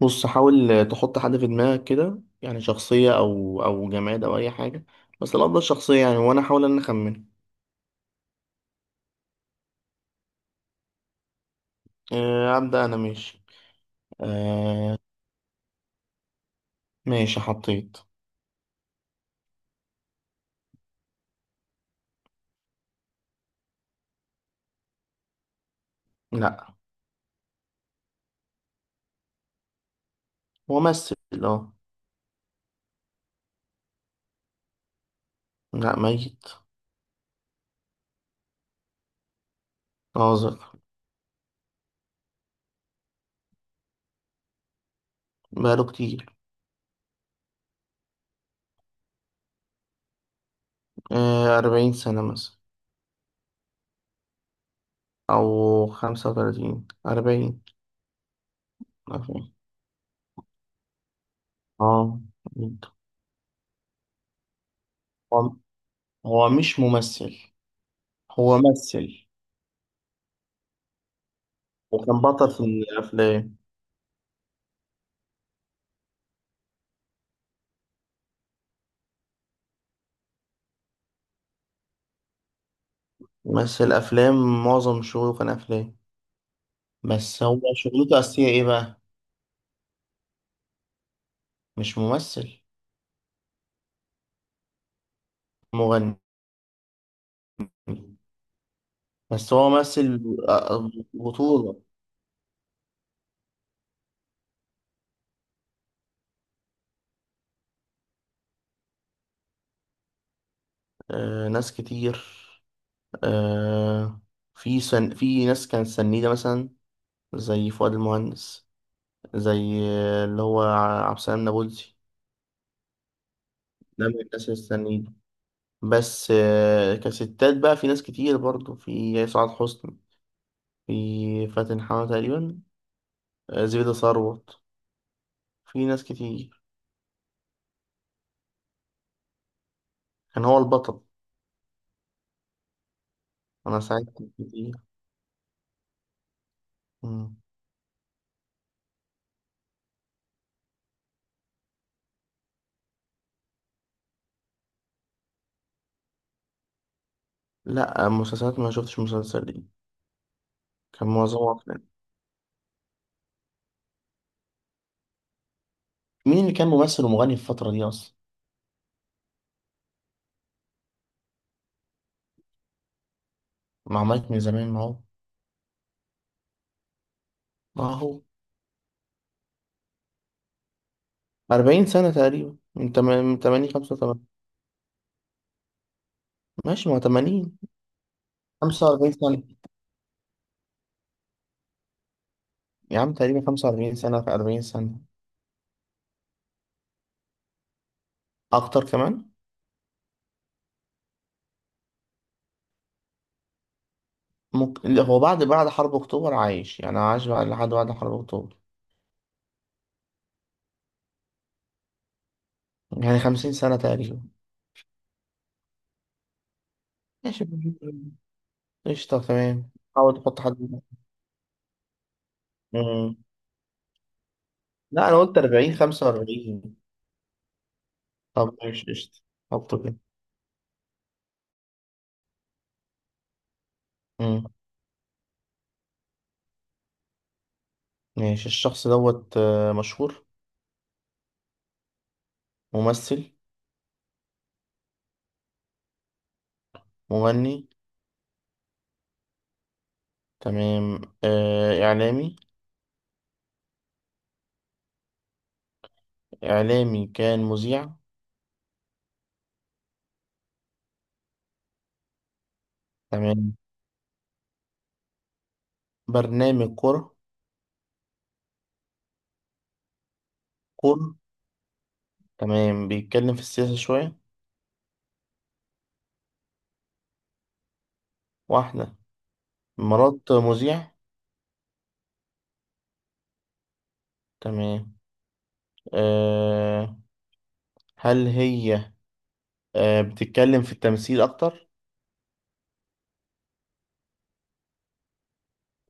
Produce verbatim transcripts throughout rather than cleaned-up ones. بص حاول تحط حد في دماغك كده يعني شخصية أو أو جماد أو أي حاجة. بس الأفضل شخصية يعني وأنا أحاول إن أنا أخمن. آه، أبدأ أنا ماشي. آه ماشي حطيت. لأ. ممثل. أه. لأ ميت. ناظر. بقاله كتير. آه أربعين سنة مثلا. أو خمسة وتلاتين أربعين. أربعين. أه. جدا. هو هو مش ممثل. هو مثل. وكان بطل في الأفلام. مثل أفلام، معظم شغله كان أفلام. بس هو شغلته الأساسية إيه بقى؟ مش ممثل. مغني. بس هو ممثل آه، بطولة. آه ناس كتير. آه. في سن، في ناس كانت سنيدة مثلا زي فؤاد المهندس، زي آه، اللي هو ع- عبد السلام نابلسي. ده من الناس السنيدة. بس آه كستات بقى في ناس كتير برضو. في سعاد حسني، في فاتن حمامة تقريبا، آه زبيدة ثروت. في ناس كتير. كان هو البطل. أنا ساعدت كتير. مم. لا مسلسلات، ما شفتش مسلسل دي. كان معظمها أفلام. مين اللي كان ممثل ومغني في الفترة دي أصلا؟ مع مايك من زمان، ما هو. ما هو أربعين سنة تقريبا، من تم- من ثمانين خمسة وثمانين. ماشي، ما هو ثمانين. خمسة وأربعين سنة. يا عم تقريبا خمسة وأربعين سنة، في أربعين سنة. أكتر كمان. ممكن. لا، هو بعد بعد حرب أكتوبر عايش، يعني عاش بعد، لحد بعد حرب أكتوبر. يعني خمسين سنة تقريبا. ماشي. قشطة. تمام. حاول تحط حد. مم. لا، أنا قلت أربعين خمسة وأربعين. طب ماشي قشطة. حطه كده. مم. ماشي، الشخص دوت آه، مشهور. ممثل. مغني. تمام. آه، إعلامي. إعلامي كان مذيع. تمام. برنامج كرة. كرة. تمام. بيتكلم في السياسة شوية. واحدة. مرات مذيع. تمام. أه. هل هي. أه بتتكلم في التمثيل أكتر؟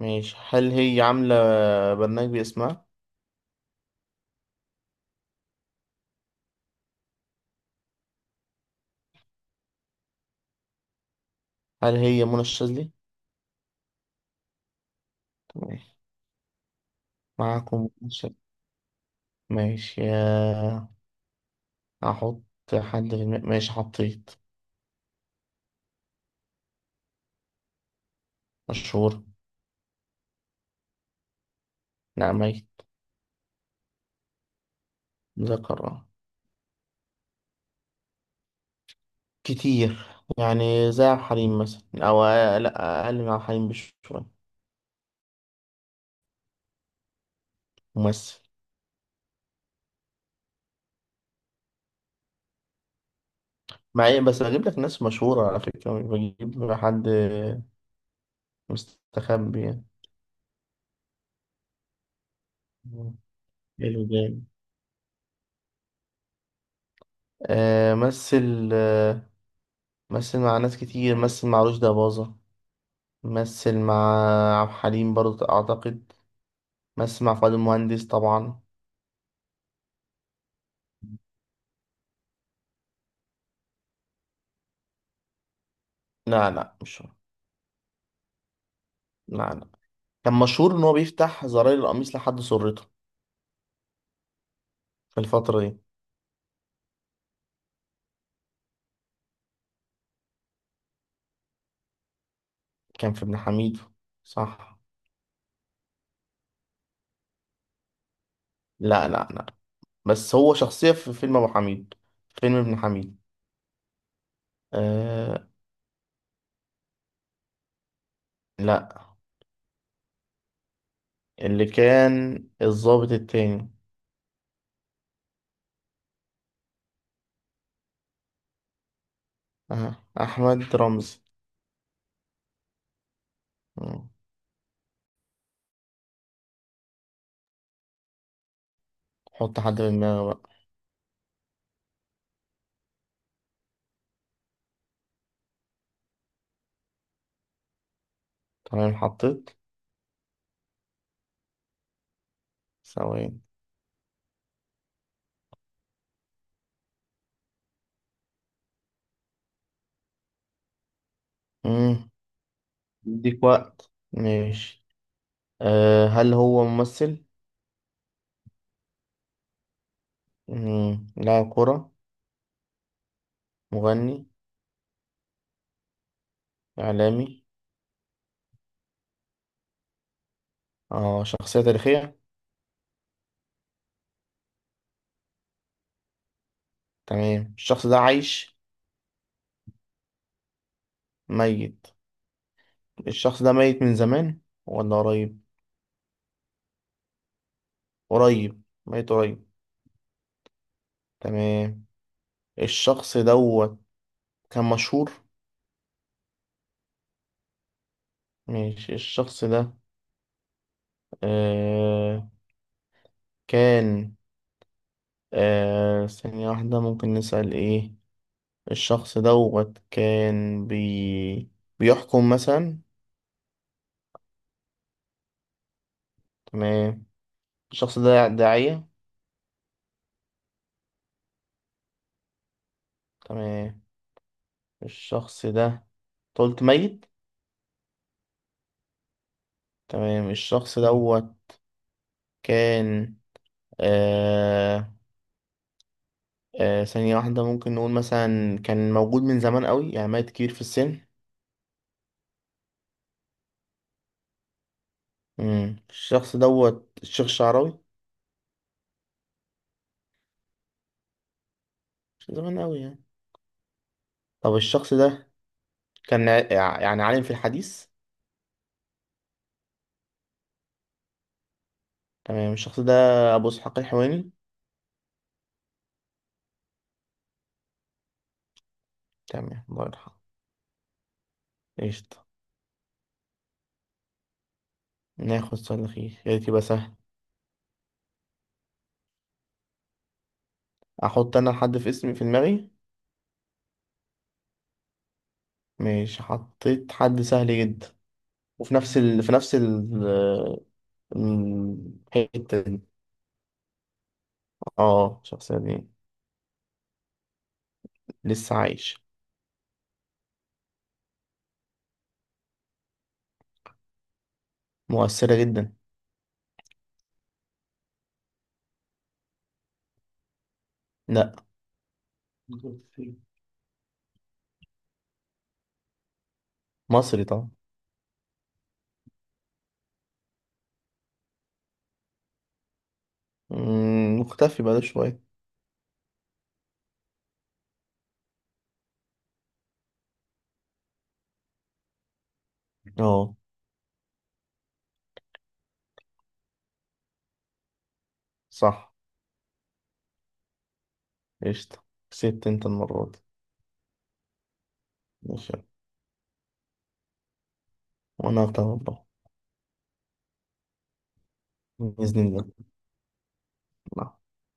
ماشي، هل هي عاملة برنامج باسمها؟ هل هي منى الشاذلي؟ تمام. معاكم منى الشاذلي. ماشي يا، احط حد في الم... ماشي حطيت. مشهور. نعمية. ذكر. كتير، يعني زي عبد الحليم مثلا. او أقل- لا، اقل من عبد الحليم بشوية. ممثل. مع إيه؟ بس بجيب لك ناس مشهورة على فكرة، مش بجيب حد مستخبي يعني. حلو جامد. آه مثل آه مثل مع ناس كتير. مثل مع رشدي أباظة. مثل مع عبد الحليم برضه أعتقد. مثل مع فؤاد المهندس طبعا. لا لا، مش هو. لا. كان مشهور ان هو بيفتح زراير القميص لحد سرته في الفترة دي. كان في ابن حميد. صح. لا لا لا. بس هو شخصية في فيلم ابو حميد، فيلم ابن حميد. آه. لا. اللي كان الضابط التاني. آه. احمد رمزي. مم. حط حد في دماغي بقى. تمام حطيت. ثواني. مم. اديك وقت، ماشي. آه، هل هو ممثل؟ مم. لاعب كرة. مغني. إعلامي. اه، شخصية تاريخية. تمام. الشخص ده عايش. ميت. الشخص ده ميت من زمان ولا قريب؟ قريب، ميت قريب. تمام. الشخص دوت كان مشهور. ماشي الشخص ده، آه كان، آه ثانية واحدة، ممكن نسأل ايه. الشخص دوت كان بي بيحكم مثلا. تمام. الشخص ده داعية. تمام. الشخص ده أنت قلت ميت. تمام. الشخص دوت كان آه آه ثانية واحدة، ممكن نقول مثلا كان موجود من زمان قوي، يعني ميت كبير في السن. مم. الشخص دوت الشيخ الشعراوي. مش زمان قوي يعني. طب الشخص ده كان ع- يعني عالم في الحديث. تمام. الشخص ده أبو إسحاق الحويني. تمام، الله يرحمه. قشطة. ناخد سؤال أخير، يا ريت يبقى سهل. أحط أنا حد في اسمي في دماغي. ماشي حطيت حد سهل جدا. وفي نفس ال... في نفس ال... الحتة دي. اه، الشخصية دي. لسه عايش. مؤثرة جدا. لا. مصري طبعا. مم، مختفي بقاله شوية. اه، صح. قشطة. كسبت انت المرة دي. ماشي. وانا هغتها والله. بإذن الله.